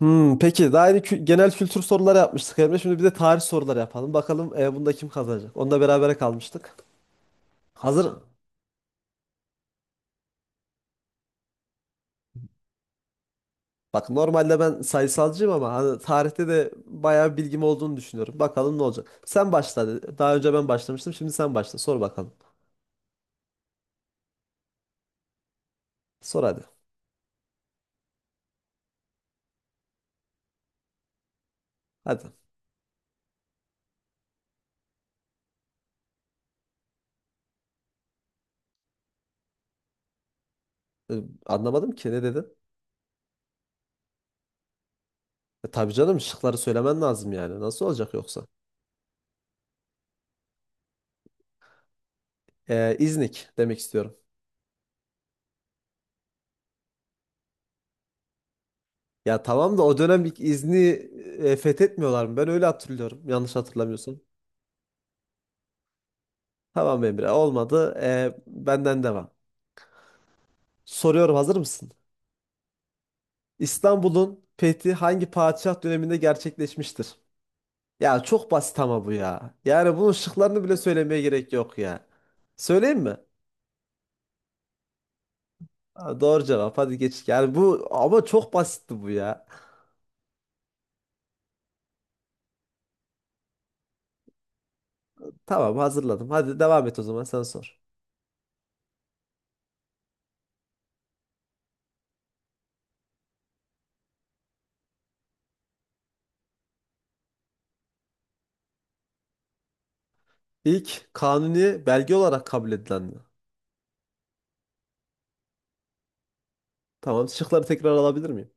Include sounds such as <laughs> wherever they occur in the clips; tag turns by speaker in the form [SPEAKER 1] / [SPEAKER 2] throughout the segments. [SPEAKER 1] Peki daha yeni genel kültür soruları yapmıştık Emre. Şimdi bir de tarih soruları yapalım. Bakalım bunda kim kazanacak? Onu berabere kalmıştık. Hazır. Bak normalde ben sayısalcıyım ama hani tarihte de bayağı bilgim olduğunu düşünüyorum. Bakalım ne olacak. Sen başla. Dedi. Daha önce ben başlamıştım. Şimdi sen başla. Sor bakalım. Sor hadi. Hadi. E, anlamadım ki ne dedin? Tabii canım şıkları söylemen lazım yani. Nasıl olacak yoksa? İznik demek istiyorum. Ya tamam da o dönem İznik'i fethetmiyorlar mı? Ben öyle hatırlıyorum. Yanlış hatırlamıyorsam. Tamam Emre olmadı. Benden devam. Soruyorum hazır mısın? İstanbul'un fethi hangi padişah döneminde gerçekleşmiştir? Ya çok basit ama bu ya. Yani bunun şıklarını bile söylemeye gerek yok ya. Söyleyeyim mi? Ha, doğru cevap hadi geç. Yani bu ama çok basitti bu ya. Tamam hazırladım. Hadi devam et o zaman sen sor. İlk kanuni belge olarak kabul edilen mi? Tamam şıkları tekrar alabilir miyim?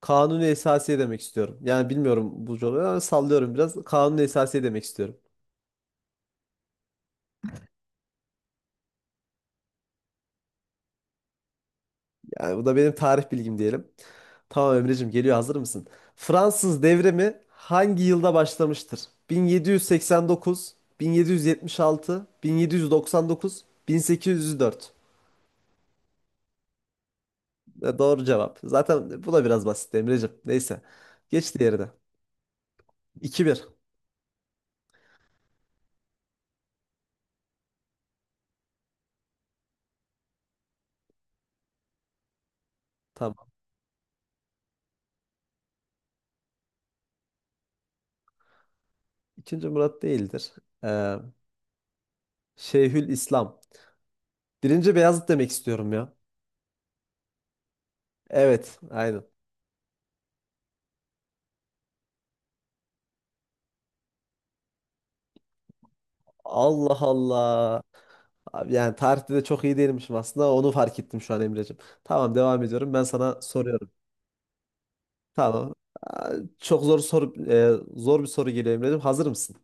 [SPEAKER 1] Kanuni esasiye demek istiyorum. Yani bilmiyorum bu cevabı ama sallıyorum biraz. Kanuni esasiye demek istiyorum. Yani bu da benim tarih bilgim diyelim. Tamam Emre'cim geliyor hazır mısın? Fransız devrimi hangi yılda başlamıştır? 1789, 1776, 1799, 1804. E, doğru cevap. Zaten bu da biraz basit Emre'cim. Neyse. Geç diğerine. 2-1. Tamam. İkinci Murat değildir. Ee, Şeyhül İslam. Birinci Beyazıt demek istiyorum ya. Evet. Aynen. Allah Allah. Abi yani tarihte de çok iyi değilmişim aslında. Onu fark ettim şu an Emre'cim. Tamam devam ediyorum. Ben sana soruyorum. Tamam. Aa, çok zor soru zor bir soru geliyor Emre'cim. Hazır mısın?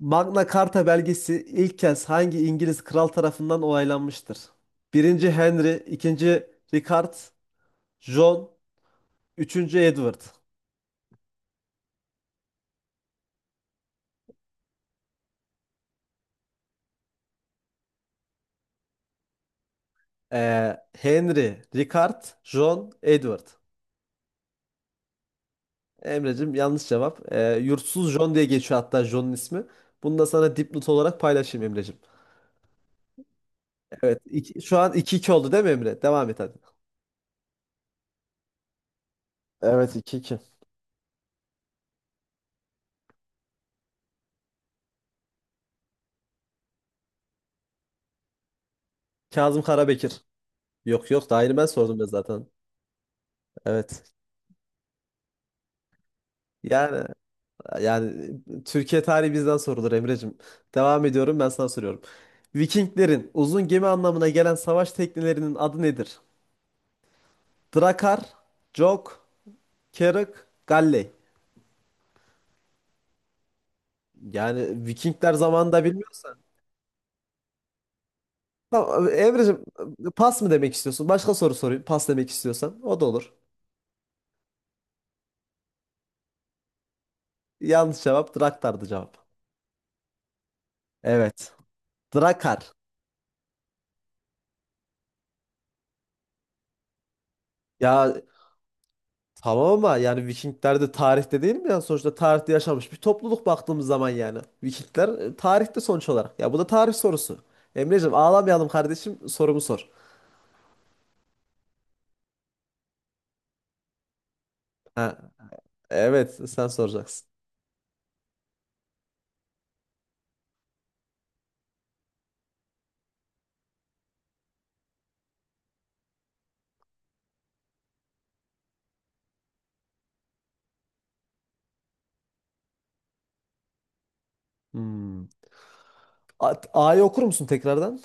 [SPEAKER 1] Magna Carta belgesi ilk kez hangi İngiliz kral tarafından onaylanmıştır? Birinci Henry, ikinci Richard, John, üçüncü Edward. Henry, Richard, John, Edward. Emre'cim yanlış cevap. Yurtsuz John diye geçiyor hatta John'un ismi. Bunu da sana dipnot olarak paylaşayım Emre'cim. Evet. Şu an iki iki oldu değil mi Emre? Devam et hadi. Evet iki iki. Kazım Karabekir. Yok yok daha yeni ben sordum ya zaten. Evet. Yani yani Türkiye tarihi bizden sorulur Emre'cim. Devam ediyorum ben sana soruyorum. Vikinglerin uzun gemi anlamına gelen savaş teknelerinin adı nedir? Drakar, Jok, Keruk, Galley. Yani Vikingler zamanında bilmiyorsan. Tamam Emre'cim pas mı demek istiyorsun? Başka soru sorayım. Pas demek istiyorsan o da olur. Yanlış cevap Draktar'dı cevap. Evet. Drakar. Ya tamam ama yani Vikingler de tarihte değil mi? Yani sonuçta tarihte yaşamış bir topluluk baktığımız zaman yani. Vikingler tarihte sonuç olarak. Ya bu da tarih sorusu. Emreciğim ağlamayalım kardeşim sorumu sor. Ha, evet sen soracaksın. Hmm. A'yı okur musun tekrardan?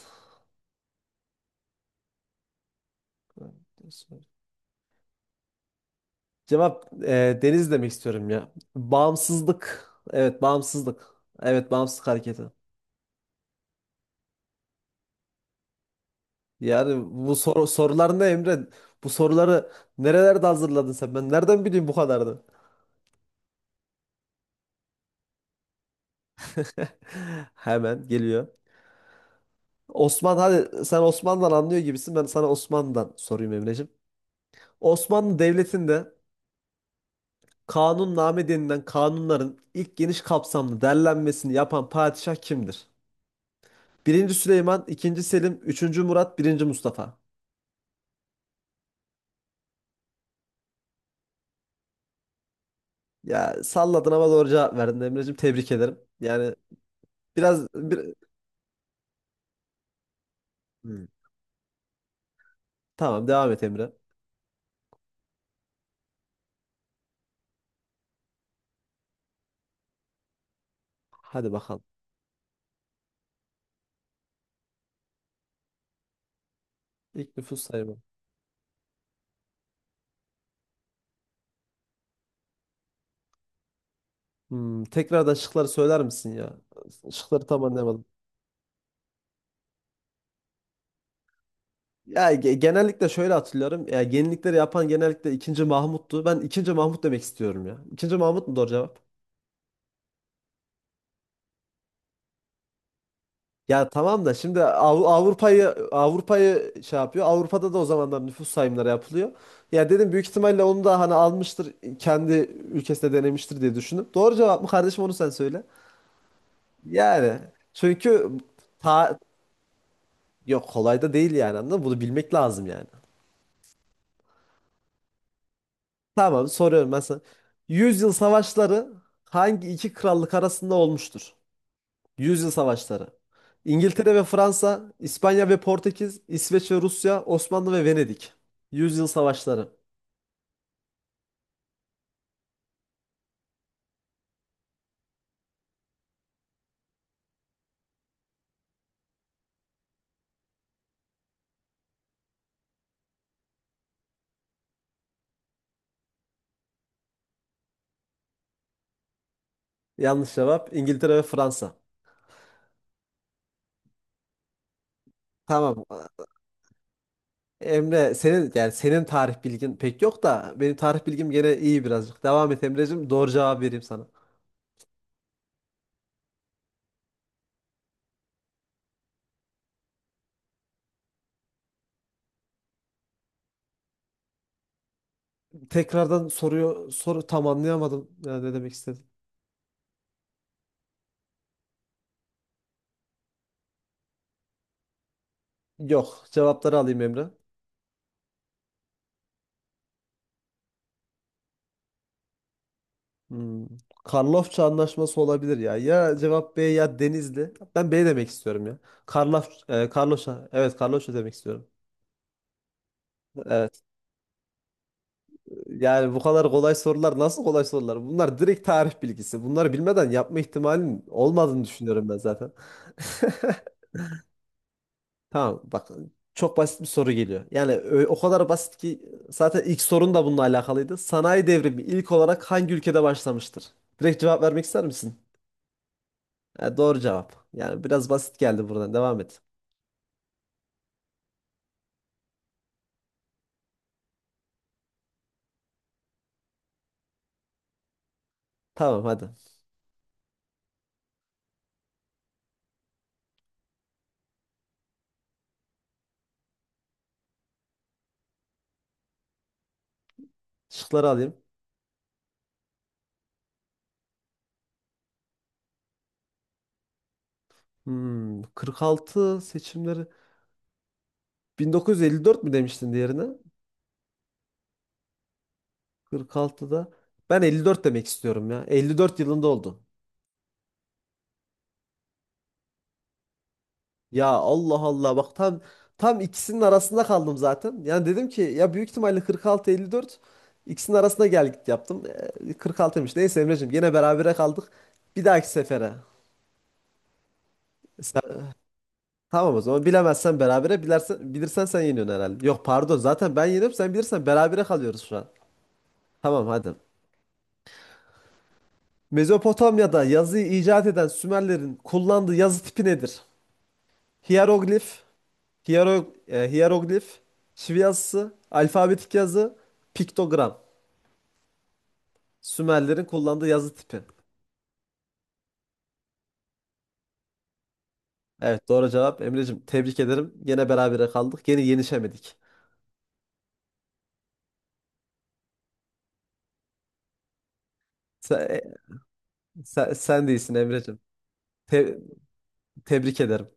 [SPEAKER 1] Cevap deniz demek istiyorum ya. Bağımsızlık. Evet bağımsızlık. Evet bağımsızlık hareketi. Yani bu sorular ne Emre? Bu soruları nerelerde hazırladın sen? Ben nereden bileyim bu kadarını? <laughs> Hemen geliyor. Osman hadi sen Osman'dan anlıyor gibisin. Ben sana Osman'dan sorayım Emreciğim. Osmanlı Devleti'nde kanunname denilen kanunların ilk geniş kapsamlı derlenmesini yapan padişah kimdir? Birinci Süleyman, ikinci Selim, üçüncü Murat, birinci Mustafa. Ya salladın ama doğru cevap verdin Emreciğim. Tebrik ederim. Yani biraz bir... Hmm. Tamam devam et Emre. Hadi bakalım. İlk nüfus sayımı. Hmm, tekrardan şıkları söyler misin ya? Şıkları tam anlayamadım. Ya genellikle şöyle hatırlıyorum. Ya yenilikleri yapan genellikle ikinci Mahmut'tu. Ben ikinci Mahmut demek istiyorum ya. İkinci Mahmut mu doğru cevap? Ya tamam da şimdi Avrupa'yı şey yapıyor. Avrupa'da da o zamanlar nüfus sayımları yapılıyor. Ya dedim büyük ihtimalle onu da hani almıştır kendi ülkesinde denemiştir diye düşündüm. Doğru cevap mı kardeşim onu sen söyle. Yani çünkü ta yok kolay da değil yani anladın mı? Bunu bilmek lazım yani. Tamam soruyorum ben sana. Yüzyıl savaşları hangi iki krallık arasında olmuştur? Yüzyıl savaşları. İngiltere ve Fransa, İspanya ve Portekiz, İsveç ve Rusya, Osmanlı ve Venedik. Yüzyıl savaşları. Yanlış cevap İngiltere ve Fransa. Tamam. Emre senin yani tarih bilgin pek yok da benim tarih bilgim gene iyi birazcık. Devam et Emreciğim. Doğru cevap vereyim sana. Tekrardan soruyor soru tam anlayamadım. Ya ne demek istedim? Yok. Cevapları alayım Emre. Hmm. Karlofça anlaşması olabilir ya. Ya cevap B ya Denizli. Ben B demek istiyorum ya. Karlaf, Karloşa. Evet Karloşa demek istiyorum. Evet. Yani bu kadar kolay sorular nasıl kolay sorular? Bunlar direkt tarih bilgisi. Bunları bilmeden yapma ihtimalin olmadığını düşünüyorum ben zaten. <laughs> Tamam bak çok basit bir soru geliyor. Yani o kadar basit ki zaten ilk sorun da bununla alakalıydı. Sanayi devrimi ilk olarak hangi ülkede başlamıştır? Direkt cevap vermek ister misin? Ha, doğru cevap. Yani biraz basit geldi buradan. Devam et. Tamam hadi. Şıkları alayım. Hmm, 46 seçimleri 1954 mü demiştin diğerine? 46'da. Ben 54 demek istiyorum ya. 54 yılında oldu. Ya Allah Allah bak tam ikisinin arasında kaldım zaten. Yani dedim ki ya büyük ihtimalle 46 54 ikisinin arasında gel git yaptım. 46'ymış. Neyse Emreciğim gene berabere kaldık. Bir dahaki sefere. Tamam o zaman bilemezsen berabere bilirsen sen yeniyorsun herhalde. Yok pardon zaten ben yeniyorum sen bilirsen berabere kalıyoruz şu an. Tamam hadi. Mezopotamya'da yazıyı icat eden Sümerlerin kullandığı yazı tipi nedir? Hieroglif, hieroglif, şive yazısı, alfabetik yazı, piktogram. Sümerlerin kullandığı yazı tipi. Evet doğru cevap Emre'cim tebrik ederim. Yine berabere kaldık. Yine yenişemedik. Sen, sen değilsin Emre'cim. Te- tebrik ederim.